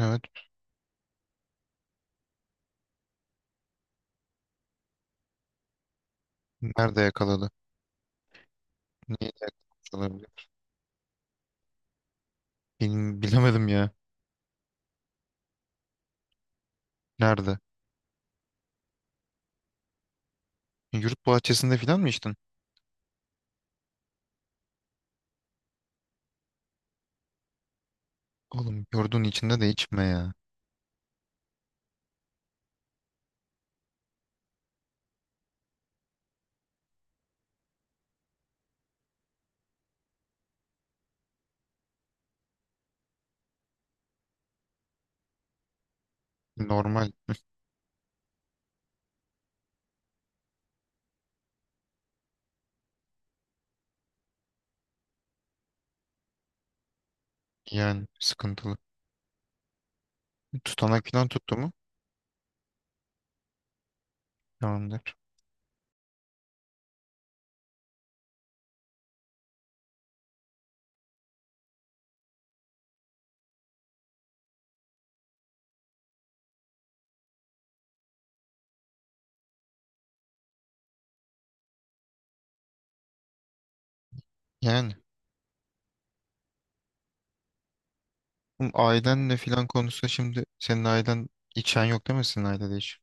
Evet. Nerede yakaladı? Niye yakalamış olabilir? Bilemedim ya. Nerede? Yurt bahçesinde falan mı içtin? Oğlum yurdun içinde de içme ya. Normal, yani sıkıntılı. Tutanak falan tuttu mu? Tamamdır. Yani oğlum ailenle falan konuşsa, şimdi senin ailen, içen yok değil mi senin ailede hiç?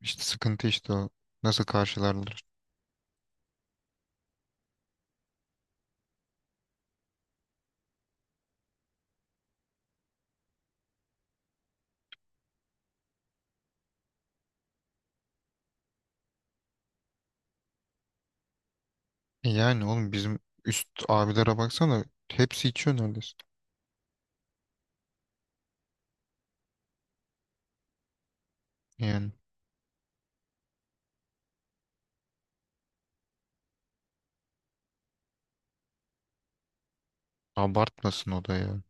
İşte sıkıntı işte o. Nasıl karşılarlar? E yani oğlum bizim üst abilere baksana, hepsi içiyor neredeyse. Yani abartmasın o da ya.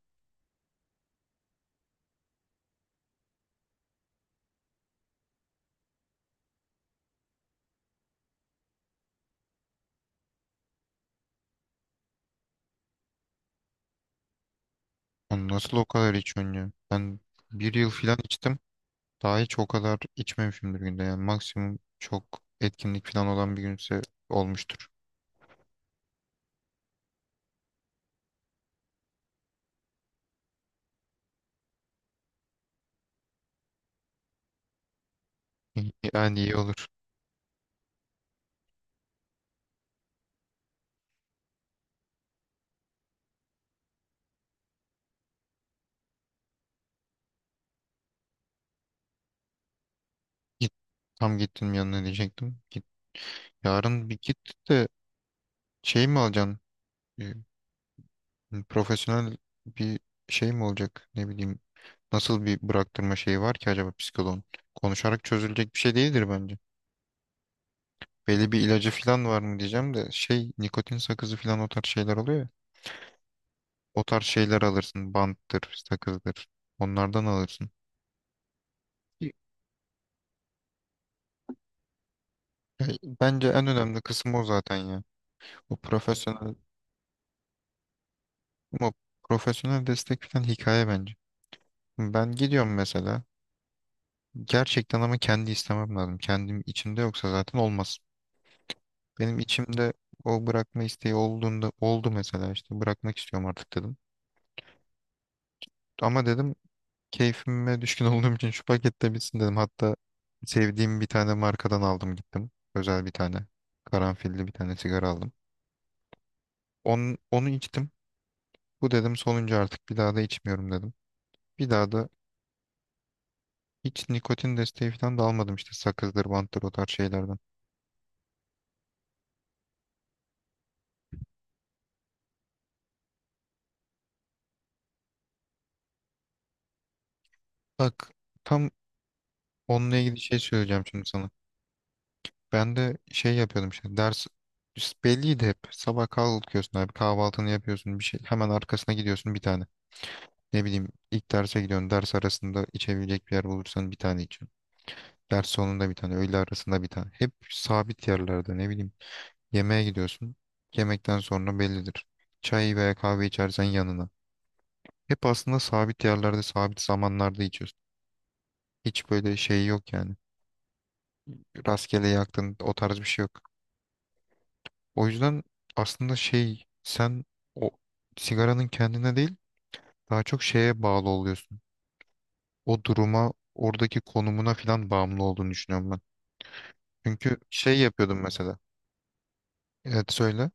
Lan, nasıl o kadar içiyorsun ya? Ben bir yıl falan içtim. Daha hiç o kadar içmemişimdir günde. Yani maksimum çok etkinlik falan olan bir günse olmuştur. Yani iyi olur. Git. Tam gittim yanına diyecektim. Git. Yarın bir git de şey mi alacaksın? Ee, Profesyonel bir şey mi olacak? Ne bileyim. Nasıl bir bıraktırma şeyi var ki acaba psikoloğun? Konuşarak çözülecek bir şey değildir bence. Belli bir ilacı falan var mı diyeceğim de şey, nikotin sakızı falan o tarz şeyler oluyor ya. O tarz şeyler alırsın. Banttır, sakızdır. Onlardan alırsın. Ya, bence en önemli kısmı o zaten ya. O profesyonel, o profesyonel destek falan hikaye bence. Ben gidiyorum mesela. Gerçekten ama kendi istemem lazım. Kendim içimde yoksa zaten olmaz. Benim içimde o bırakma isteği olduğunda oldu mesela, işte bırakmak istiyorum artık dedim. Ama dedim, keyfime düşkün olduğum için şu pakette bitsin dedim. Hatta sevdiğim bir tane markadan aldım gittim. Özel bir tane. Karanfilli bir tane sigara aldım. Onu, onu içtim. Bu dedim sonuncu, artık bir daha da içmiyorum dedim. Bir daha da hiç nikotin desteği falan da almadım işte, sakızdır, banttır o tarz şeylerden. Bak, tam onunla ilgili şey söyleyeceğim şimdi sana. Ben de şey yapıyordum, işte ders belliydi hep. Sabah kalkıyorsun abi, kahvaltını yapıyorsun bir şey. Hemen arkasına gidiyorsun bir tane. Ne bileyim, ilk derse gidiyorsun. Ders arasında içebilecek bir yer bulursan bir tane içiyorsun. Ders sonunda bir tane, öğle arasında bir tane. Hep sabit yerlerde, ne bileyim. Yemeğe gidiyorsun. Yemekten sonra bellidir. Çay veya kahve içersen yanına. Hep aslında sabit yerlerde, sabit zamanlarda içiyorsun. Hiç böyle şey yok yani. Rastgele yaktın, o tarz bir şey yok. O yüzden aslında şey, sen o sigaranın kendine değil, daha çok şeye bağlı oluyorsun. O duruma, oradaki konumuna falan bağımlı olduğunu düşünüyorum ben. Çünkü şey yapıyordum mesela. Evet söyle.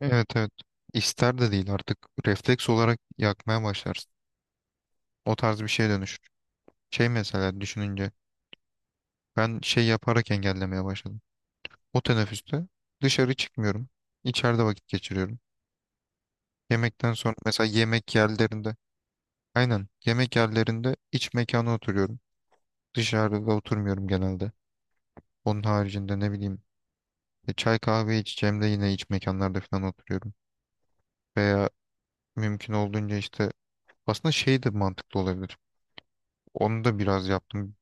Evet, evet. İster de değil artık, refleks olarak yakmaya başlarsın. O tarz bir şeye dönüşür. Şey mesela, düşününce ben şey yaparak engellemeye başladım. O teneffüste dışarı çıkmıyorum. İçeride vakit geçiriyorum. Yemekten sonra mesela yemek yerlerinde, aynen, yemek yerlerinde iç mekana oturuyorum. Dışarıda oturmuyorum genelde. Onun haricinde ne bileyim, çay kahve içeceğim de yine iç mekanlarda falan oturuyorum. Veya mümkün olduğunca işte, aslında şey de mantıklı olabilir. Onu da biraz yaptım.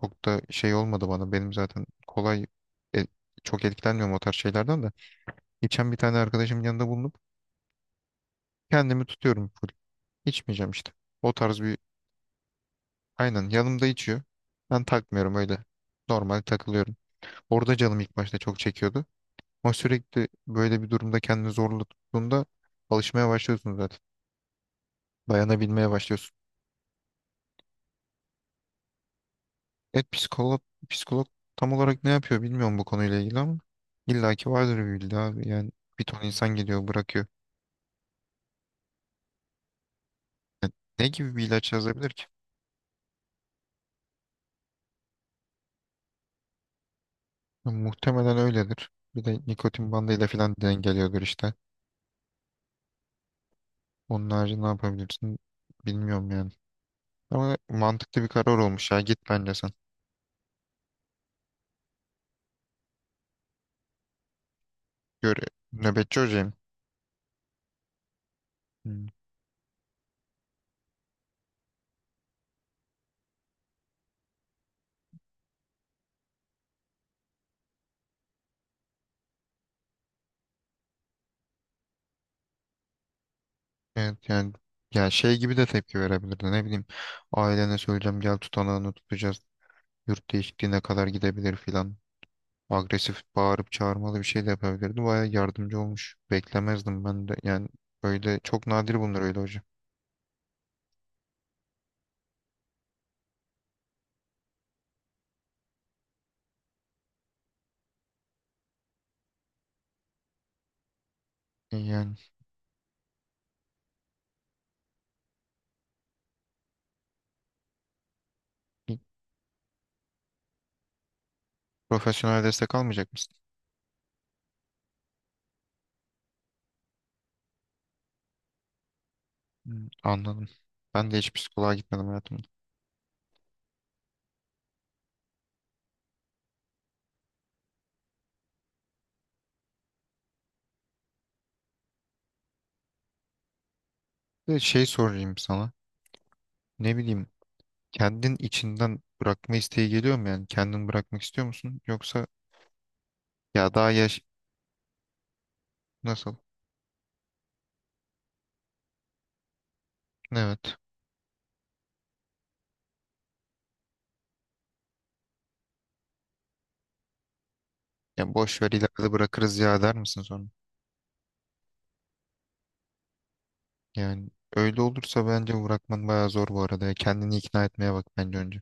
Çok da şey olmadı bana. Benim zaten kolay, e, çok etkilenmiyorum o tarz şeylerden de. İçen bir tane arkadaşımın yanında bulunup kendimi tutuyorum full. İçmeyeceğim işte. O tarz bir, aynen, yanımda içiyor. Ben takmıyorum öyle. Normal takılıyorum. Orada canım ilk başta çok çekiyordu. Ama sürekli böyle bir durumda kendini zorla tuttuğunda alışmaya başlıyorsun zaten. Dayanabilmeye başlıyorsun. Evet psikolog, psikolog tam olarak ne yapıyor bilmiyorum bu konuyla ilgili ama illaki vardır bir bildiği abi. Yani bir ton insan geliyor bırakıyor. Yani ne gibi bir ilaç yazabilir ki? Ya muhtemelen öyledir. Bir de nikotin bandıyla falan dengeliyordur işte. Onun harici ne yapabilirsin bilmiyorum yani. Ama mantıklı bir karar olmuş ya, git bence sen. Gör, nöbetçi hocayım. Hmm. Evet yani, ya şey gibi de tepki verebilirdi, ne bileyim. Ailene söyleyeceğim, gel tutanağını tutacağız. Yurt değişikliğine kadar gidebilir filan. Agresif bağırıp çağırmalı bir şey de yapabilirdi. Bayağı yardımcı olmuş. Beklemezdim ben de. Yani öyle çok nadir bunlar öyle hocam. Yani bir profesyonel destek almayacak mısın? Hmm, anladım. Ben de hiç psikoloğa gitmedim hayatımda. Bir de şey sorayım sana. Ne bileyim, kendin içinden bırakma isteği geliyor mu yani? Kendin bırakmak istiyor musun? Yoksa ya daha yaş, nasıl? Evet. Ya boş ver, ileride bırakırız ya der misin sonra? Yani öyle olursa bence bırakman bayağı zor bu arada, ya. Kendini ikna etmeye bak bence önce.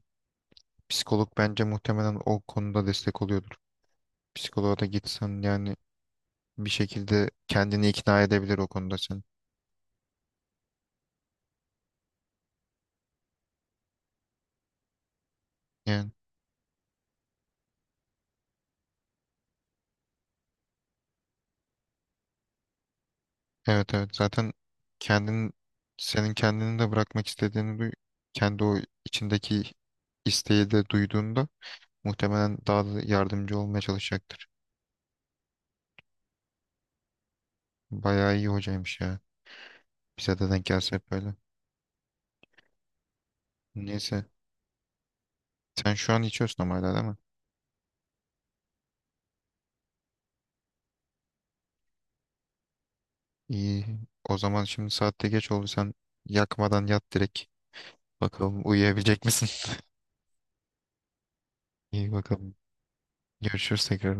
Psikolog bence muhtemelen o konuda destek oluyordur. Psikoloğa da gitsen yani bir şekilde kendini ikna edebilir o konuda sen. Yani evet, evet zaten kendin, senin kendini de bırakmak istediğini duy, kendi o içindeki isteği de duyduğunda muhtemelen daha da yardımcı olmaya çalışacaktır. Bayağı iyi hocaymış ya. Bize de denk gelse hep böyle. Neyse. Sen şu an içiyorsun ama hala, değil mi? İyi. O zaman şimdi saatte geç oldu. Sen yakmadan yat direkt. Bakalım uyuyabilecek misin? İyi bakalım. Görüşürüz tekrar.